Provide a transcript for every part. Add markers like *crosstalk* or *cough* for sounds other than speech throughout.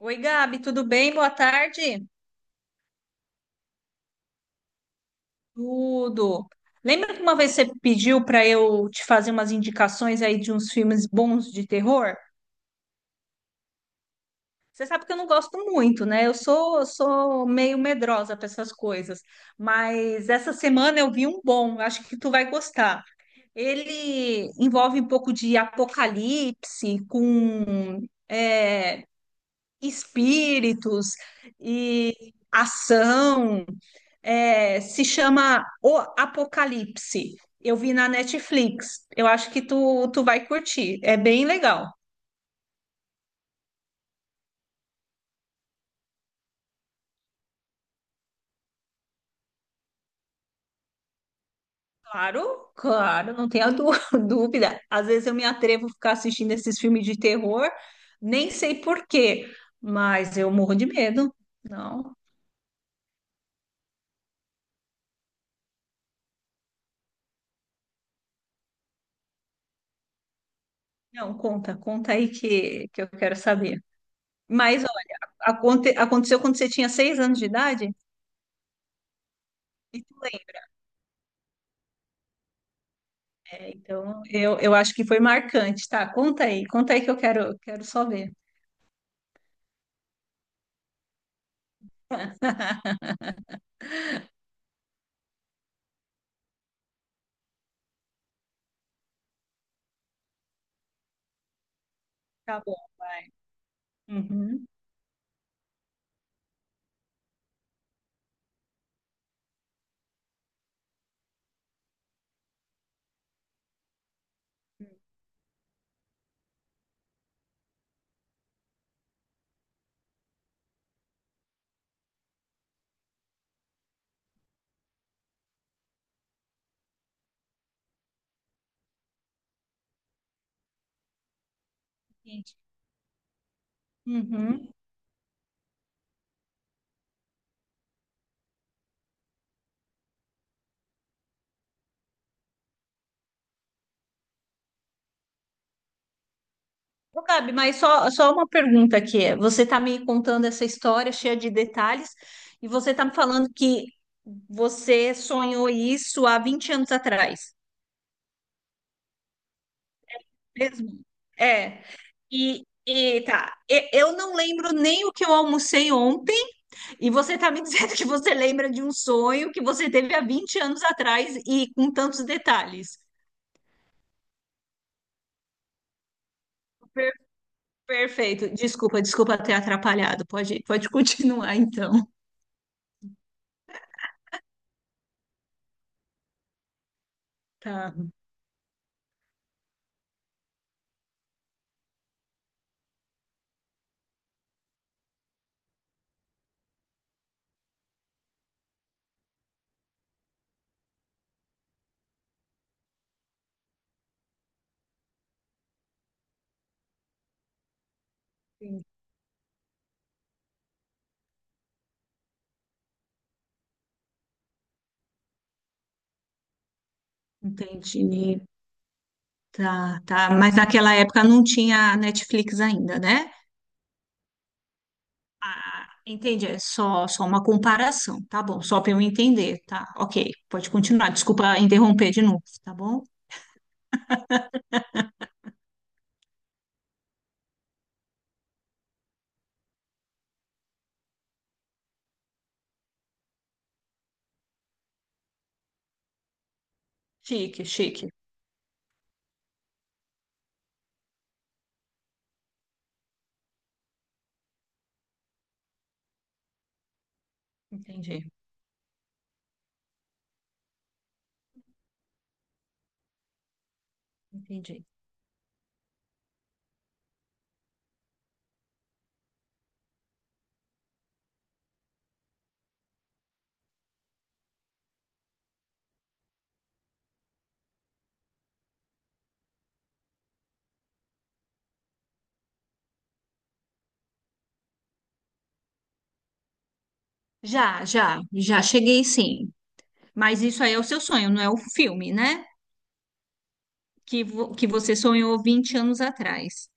Oi, Gabi, tudo bem? Boa tarde. Tudo. Lembra que uma vez você pediu para eu te fazer umas indicações aí de uns filmes bons de terror? Você sabe que eu não gosto muito, né? Eu sou meio medrosa para essas coisas, mas essa semana eu vi um bom, acho que tu vai gostar. Ele envolve um pouco de apocalipse com é, espíritos e ação. Se chama O Apocalipse. Eu vi na Netflix. Eu acho que tu vai curtir. É bem legal. Claro, claro, não tenha dú- *laughs* dúvida. Às vezes eu me atrevo a ficar assistindo esses filmes de terror, nem sei por quê, mas eu morro de medo. Não, não, conta, conta aí que eu quero saber. Mas, olha, aconteceu quando você tinha 6 anos de idade? E tu lembra? É, então, eu acho que foi marcante, tá? Conta aí que eu quero, quero só ver. *laughs* Tá bom, vai. Uhum. Entendi. Uhum. Ô, Gabi, mas só, só uma pergunta aqui. Você está me contando essa história cheia de detalhes e você está me falando que você sonhou isso há 20 anos atrás, mesmo? É. Eu não lembro nem o que eu almocei ontem. E você está me dizendo *laughs* que você lembra de um sonho que você teve há 20 anos atrás e com tantos detalhes. Per- Perfeito. Desculpa, desculpa ter atrapalhado. Pode, pode *laughs* continuar então. Tá, entendi. Tá, tá. Mas naquela época não tinha Netflix ainda, né? Ah, entendi. É só, só uma comparação, tá bom? Só para eu entender, tá? Ok, pode continuar. Desculpa interromper de novo, tá bom? Chique, chique. Entendi, entendi. Já, já, já cheguei sim. Mas isso aí é o seu sonho, não é o filme, né? Que você sonhou 20 anos atrás.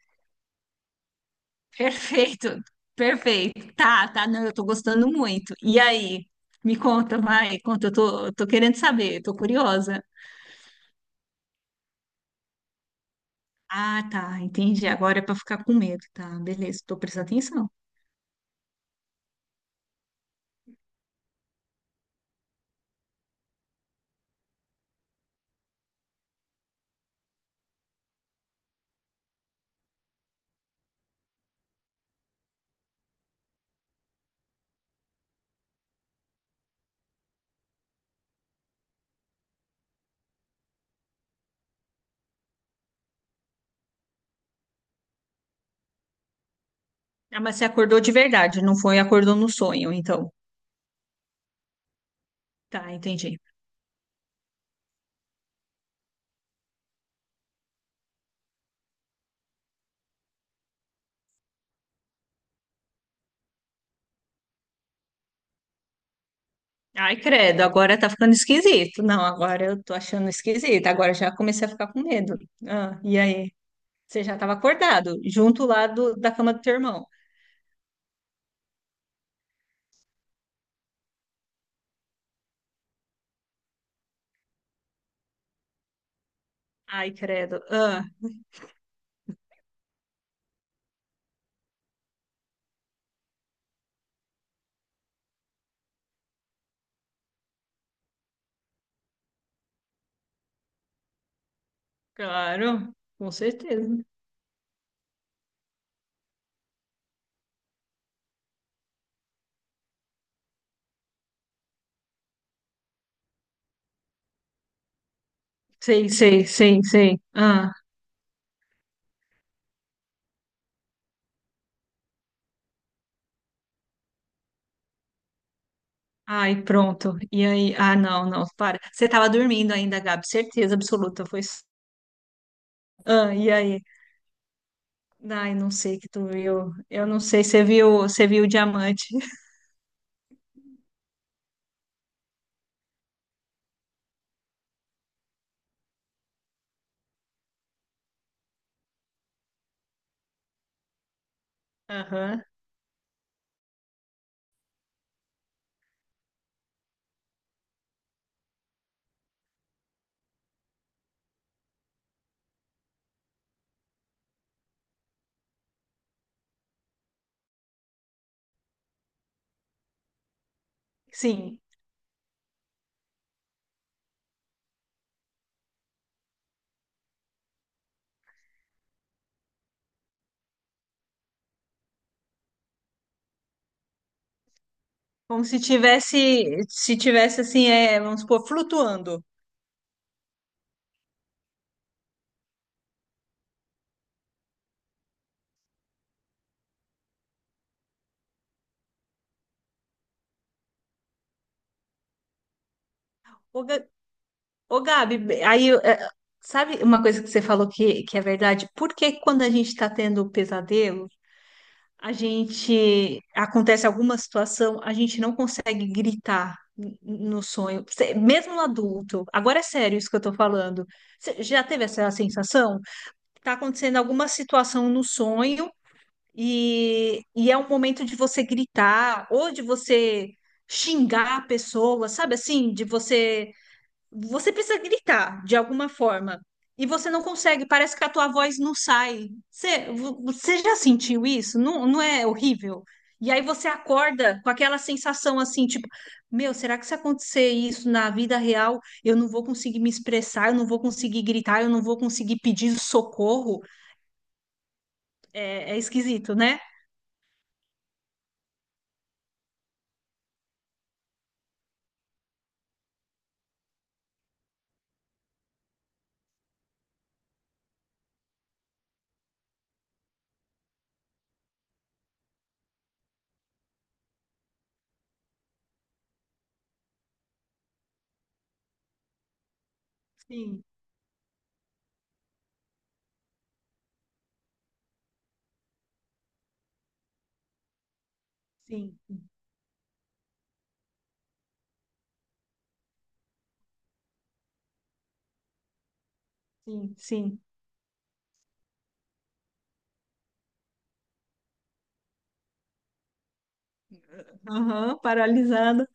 Perfeito, perfeito. Tá, tá, não, eu tô gostando muito. E aí? Me conta, vai, conta, eu tô querendo saber, tô curiosa. Ah, tá, entendi. Agora é pra ficar com medo, tá? Beleza, tô prestando atenção. Ah, mas você acordou de verdade, não foi acordou no sonho, então. Tá, entendi. Ai, credo, agora tá ficando esquisito. Não, agora eu tô achando esquisito. Agora já comecei a ficar com medo. Ah, e aí? Você já estava acordado, junto lá da cama do teu irmão. Ai, credo. Ah, claro, com certeza. Sei, sei, sei, sei. Ah, ai, pronto. E aí? Ah, não, não, para. Você estava dormindo ainda, Gabi, certeza absoluta. Ah, e aí? Ai, não sei que tu viu. Eu não sei, você viu o diamante. *laughs* Aham. Sim. Como se tivesse, se tivesse assim, vamos supor, flutuando. Ô, Ga- Ô, Gabi, aí, é, sabe uma coisa que você falou que é verdade? Por que quando a gente está tendo pesadelo, a gente, acontece alguma situação, a gente não consegue gritar no sonho, mesmo no adulto. Agora é sério isso que eu tô falando. Você já teve essa sensação? Tá acontecendo alguma situação no sonho e é um momento de você gritar ou de você xingar a pessoa, sabe assim? De você. Você precisa gritar de alguma forma. E você não consegue, parece que a tua voz não sai. Você já sentiu isso? Não, não é horrível? E aí você acorda com aquela sensação assim, tipo, meu, será que se acontecer isso na vida real, eu não vou conseguir me expressar, eu não vou conseguir gritar, eu não vou conseguir pedir socorro? É é esquisito, né? Sim, sim. Sim, sim. Aham, paralisado.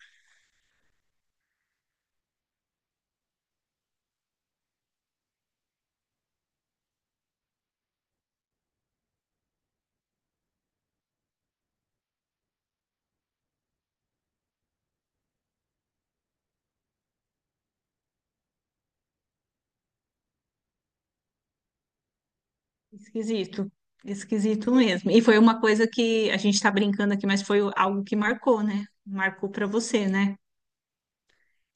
Esquisito. Esquisito mesmo. E foi uma coisa que a gente está brincando aqui, mas foi algo que marcou, né? Marcou para você, né?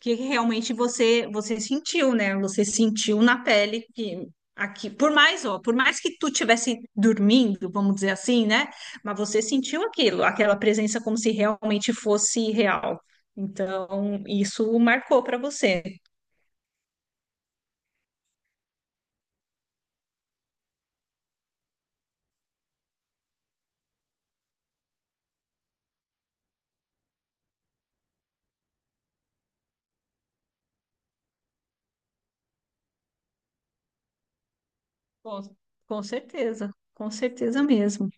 Que realmente você sentiu, né? Você sentiu na pele que aqui, por mais, ó, por mais que tu tivesse dormindo, vamos dizer assim, né? Mas você sentiu aquilo, aquela presença como se realmente fosse real. Então, isso marcou para você. Com, com certeza mesmo.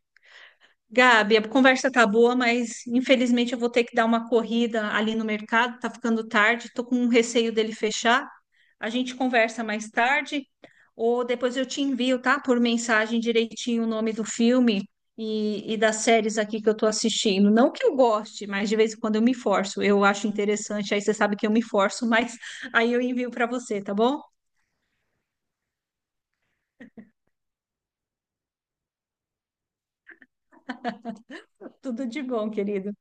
Gabi, a conversa tá boa, mas infelizmente eu vou ter que dar uma corrida ali no mercado, tá ficando tarde, tô com um receio dele fechar. A gente conversa mais tarde, ou depois eu te envio, tá? Por mensagem direitinho o nome do filme e das séries aqui que eu tô assistindo. Não que eu goste, mas de vez em quando eu me forço. Eu acho interessante, aí você sabe que eu me forço, mas aí eu envio para você, tá bom? Tudo de bom, querida.